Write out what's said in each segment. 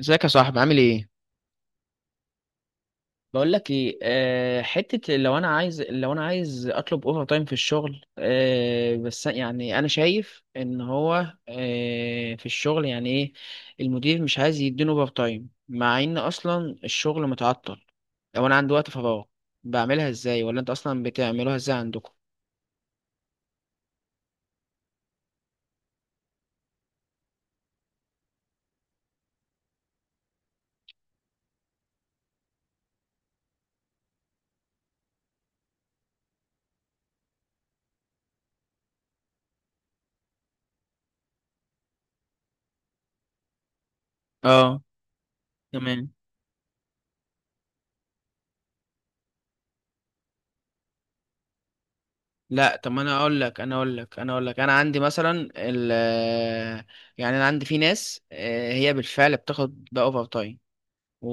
ازيك يا صاحبي؟ عامل ايه؟ بقول لك ايه، حته لو انا عايز لو انا عايز اطلب اوفر تايم في الشغل. بس يعني انا شايف ان هو في الشغل يعني ايه، المدير مش عايز يديني اوفر تايم مع ان اصلا الشغل متعطل. لو انا عندي وقت فراغ، بعملها ازاي؟ ولا انت اصلا بتعملوها ازاي عندكم؟ اه. تمام. لا، طب ما انا اقول لك انا عندي مثلا ال- يعني انا عندي في ناس، هي بالفعل بتاخد بقى اوفر تايم. و...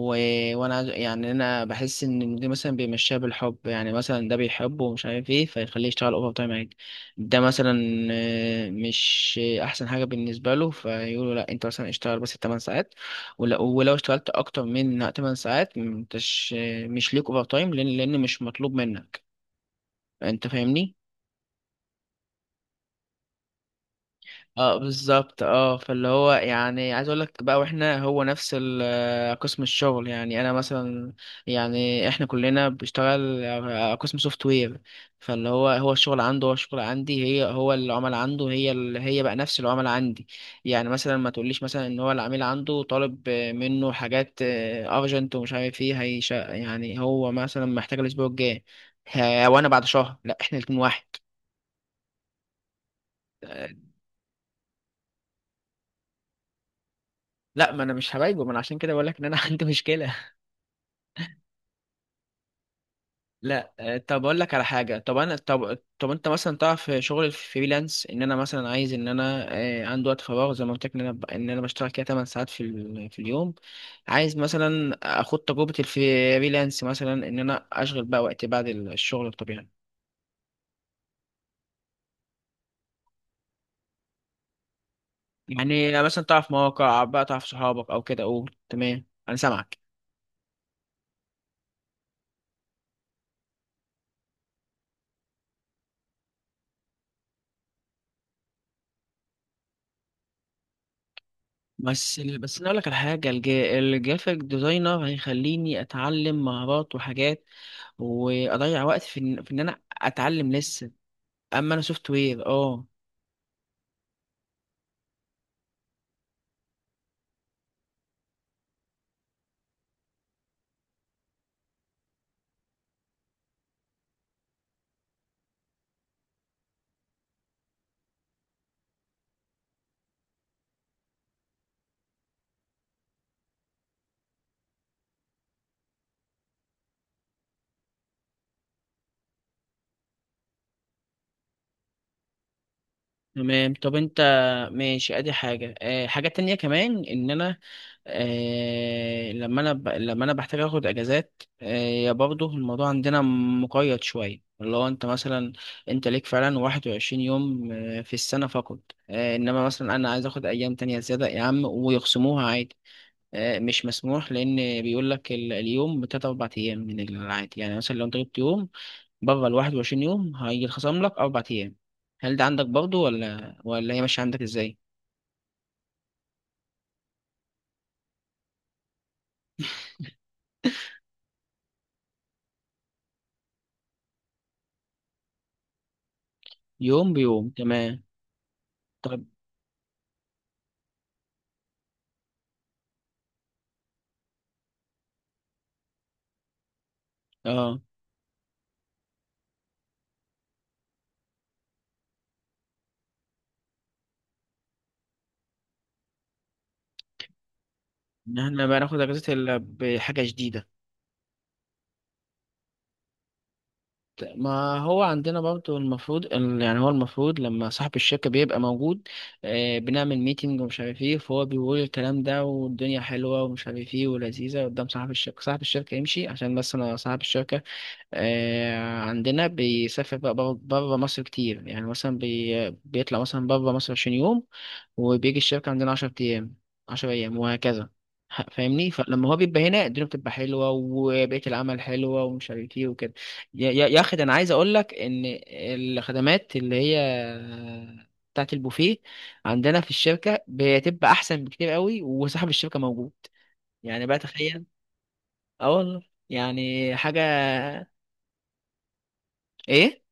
يعني انا بحس ان دي مثلا بيمشيها بالحب، يعني مثلا ده بيحبه ومش عارف ايه فيخليه يشتغل اوفر تايم عادي. ده مثلا مش احسن حاجه بالنسبه له، فيقولوا لا انت مثلا اشتغل بس 8 ساعات. ولو اشتغلت اكتر من 8 ساعات مش ليك اوفر تايم، لان مش مطلوب منك. انت فاهمني؟ اه بالظبط. اه فاللي هو يعني عايز اقول لك بقى، واحنا هو نفس قسم الشغل، يعني انا مثلا يعني احنا كلنا بنشتغل قسم سوفت وير. فاللي هو، هو الشغل عنده، هو الشغل عندي، هي هو العمل عنده، هي بقى نفس العمل عندي. يعني مثلا ما تقوليش مثلا ان هو العميل عنده طالب منه حاجات ارجنت ومش عارف ايه هيش، يعني هو مثلا محتاج الاسبوع الجاي. وانا بعد شهر. لا، احنا الاتنين واحد. آه. لا، ما انا مش هبايجه، ما انا عشان كده بقول لك ان انا عندي مشكلة. لا. طب اقول لك على حاجه. طب انا طب طب انت مثلا تعرف شغل الفريلانس؟ ان انا مثلا عايز ان انا عندي وقت فراغ زي ما قلت لك، ان ان انا بشتغل كده 8 ساعات في في اليوم. عايز مثلا اخد تجربه الفريلانس، مثلا ان انا اشغل بقى وقتي بعد الشغل الطبيعي. يعني مثلا تعرف مواقع بقى؟ تعرف صحابك او كده؟ قول تمام، انا سامعك. بس انا اقول لك على حاجه، الجرافيك ديزاينر هيخليني اتعلم مهارات وحاجات واضيع وقت في إن انا اتعلم لسه. اما انا سوفت وير. اه. تمام. طب انت ماشي. ادي حاجة، حاجة تانية كمان ان انا اه لما انا بحتاج اخد اجازات. اه يا برضه الموضوع عندنا مقيد شوية، اللي هو انت مثلا انت ليك فعلا 21 يوم في السنة فقط. اه، انما مثلا انا عايز اخد ايام تانية زيادة يا عم، ويخصموها عادي. اه، مش مسموح، لان بيقول لك اليوم بتلات اربع ايام من العادي. يعني مثلا لو انت جبت يوم بره ال 21 يوم هيتخصم لك أربع أيام. هل ده عندك برضو؟ ولا هي ماشية عندك إزاي؟ يوم بيوم. تمام. طب، اه إن احنا بقى ناخد أجازة إلا بحاجة جديدة. ما هو عندنا برضو المفروض يعني هو المفروض لما صاحب الشركة بيبقى موجود، بنعمل ميتنج ومش عارف ايه، فهو بيقول الكلام ده والدنيا حلوة ومش عارف ايه ولذيذة قدام صاحب الشركة. صاحب الشركة يمشي عشان بس أنا صاحب الشركة عندنا بيسافر بقى بره مصر كتير، يعني مثلا بيطلع مثلا بره مصر 20 يوم، وبيجي الشركة عندنا 10 أيام، 10 أيام وهكذا. فاهمني؟ فلما هو بيبقى هنا الدنيا بتبقى حلوة وبيئة العمل حلوة ومش عارف ايه وكده. يا أخي، ده أنا عايز أقول لك إن الخدمات اللي هي بتاعت البوفيه عندنا في الشركة بتبقى أحسن بكتير قوي، وصاحب الشركة موجود. يعني بقى تخيل. اه والله. يعني حاجة. إيه؟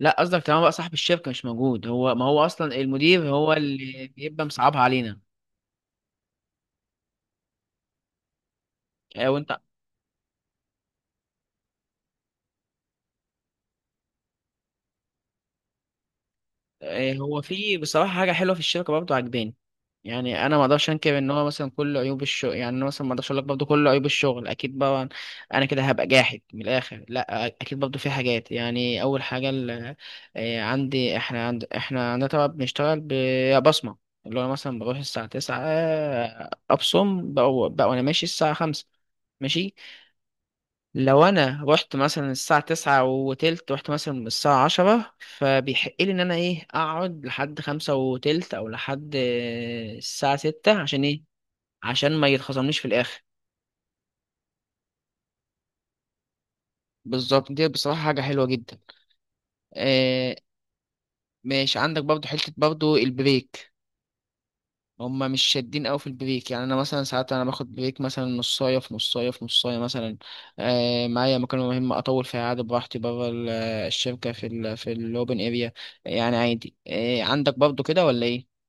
لا، قصدك تمام بقى صاحب الشركة مش موجود؟ هو ما هو أصلا المدير هو اللي بيبقى مصعبها علينا. وأنت. هو في بصراحة حاجة حلوة في الشركة برضه عجباني. يعني أنا ما أقدرش أنكر إن هو مثلا كل عيوب الشغل، يعني أنا مثلا ما أقدرش أقول لك برضه كل عيوب الشغل أكيد بقى أنا كده هبقى جاحد من الآخر. لا، أكيد برضه في حاجات. يعني أول حاجة ال- عندي إحنا عند إحنا عندنا طبعا بنشتغل ببصمة. اللي هو مثلا بروح الساعة تسعة، أبصم بقى وأنا ماشي الساعة خمسة. ماشي. لو انا رحت مثلا الساعة تسعة وتلت، رحت مثلا من الساعة عشرة، فبيحق لي ان انا ايه، اقعد لحد خمسة وتلت او لحد الساعة ستة، عشان ايه؟ عشان ما يتخصمنيش في الاخر. بالظبط، دي بصراحة حاجة حلوة جدا. آه ماشي عندك برضو حتة برضو البريك. هما مش شادين قوي في البريك، يعني انا مثلا ساعات انا باخد بريك مثلا نصايه في نصايه في نصايه مثلا، معايا مكالمه مهمه اطول فيها عادي براحتي بره الشركه، في الاوبن اريا. يعني عادي. عندك برضو كده ولا ايه؟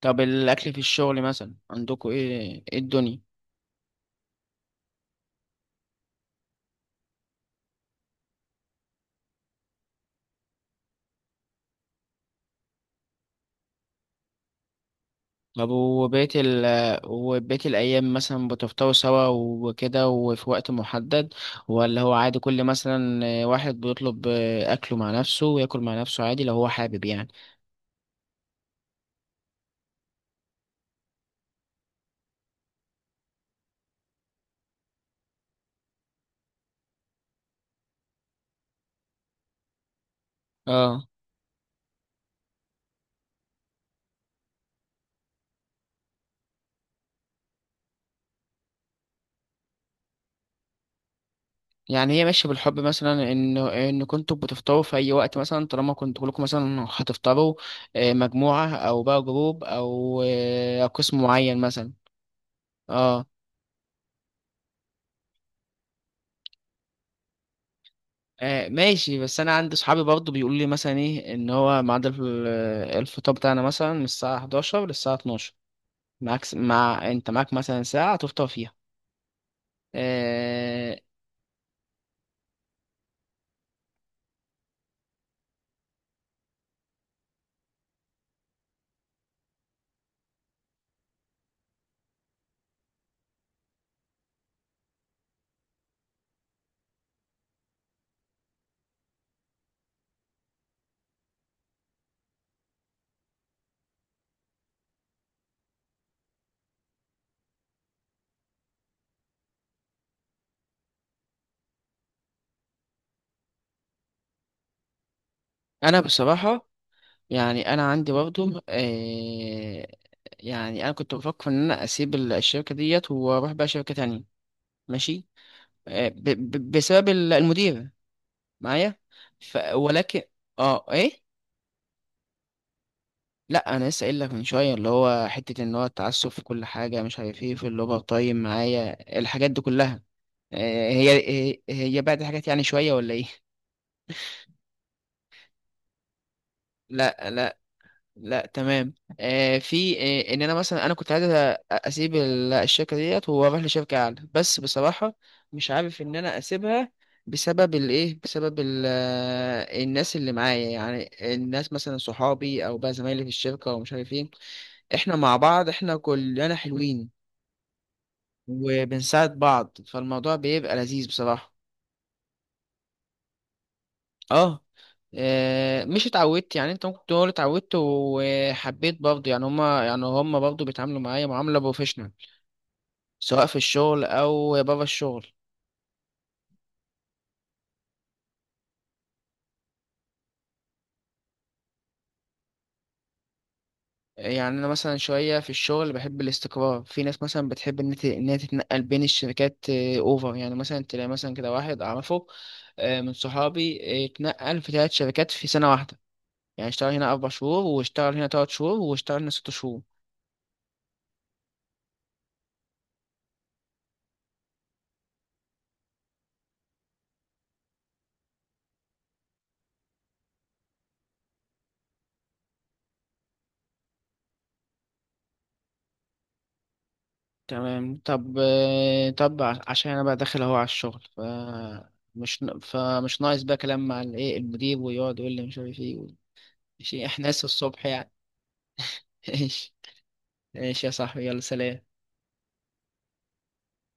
طب الاكل في الشغل مثلا عندكوا ايه؟ ايه الدنيا؟ طب وبقية وبقية الأيام مثلا بتفطروا سوا وكده، وفي وقت محدد؟ ولا هو عادي كل مثلا واحد بيطلب أكله مع نفسه وياكل مع نفسه عادي لو هو حابب يعني؟ اه، يعني هي ماشية بالحب مثلا، ان كنتوا بتفطروا في اي وقت مثلا طالما كنتوا كلكم مثلا هتفطروا مجموعة او بقى جروب، او آه، أو قسم معين مثلا. اه. ماشي، بس انا عندي صحابي برضو بيقولوا لي مثلا ايه ان هو ميعاد الفطار بتاعنا مثلا من الساعة 11 للساعة 12. معاك س- مع انت معاك مثلا ساعة تفطر فيها. آه، انا بصراحة يعني انا عندي برضه. يعني انا كنت بفكر ان انا اسيب الشركه ديت واروح بقى شركه تانية. ماشي. ب ب بسبب المدير معايا. ولكن. اه، ايه؟ لا، انا لسه قايل لك من شويه، اللي هو حته ان هو التعسف في كل حاجه مش عارف ايه في الاوفر تايم معايا الحاجات دي كلها. آه هي هي بعد حاجات يعني شويه ولا ايه؟ لا، لا، لا. تمام. في ان انا مثلا كنت عايز اسيب الشركه ديت واروح لشركه اعلى، بس بصراحه مش عارف ان انا اسيبها، بسبب الايه، بسبب ال آه، الناس اللي معايا، يعني الناس مثلا صحابي او بقى زمايلي في الشركه ومش عارف ايه. احنا مع بعض، احنا كلنا حلوين وبنساعد بعض، فالموضوع بيبقى لذيذ بصراحه. اه. مش اتعودت يعني، انت ممكن تقول اتعودت وحبيت برضه، يعني هما برضه بيتعاملوا معايا معاملة بروفيشنال سواء في الشغل او بره الشغل. يعني انا مثلا شوية في الشغل بحب الاستقرار، في ناس مثلا بتحب ان هي تتنقل بين الشركات اوفر، يعني مثلا تلاقي مثلا كده واحد اعرفه من صحابي، اتنقل في 3 شركات في سنة واحدة. يعني اشتغل هنا اربع شهور، واشتغل هنا تلات شهور، واشتغل هنا ست شهور. تمام. طب، عشان انا بقى داخل اهو على الشغل، ف مش ن- فمش ناقص بقى كلام مع الايه المدير ويقعد يقول لي مش عارف ايه ماشي، احنا لسه الصبح يعني. ايش؟ ايش يا صاحبي، يلا سلام.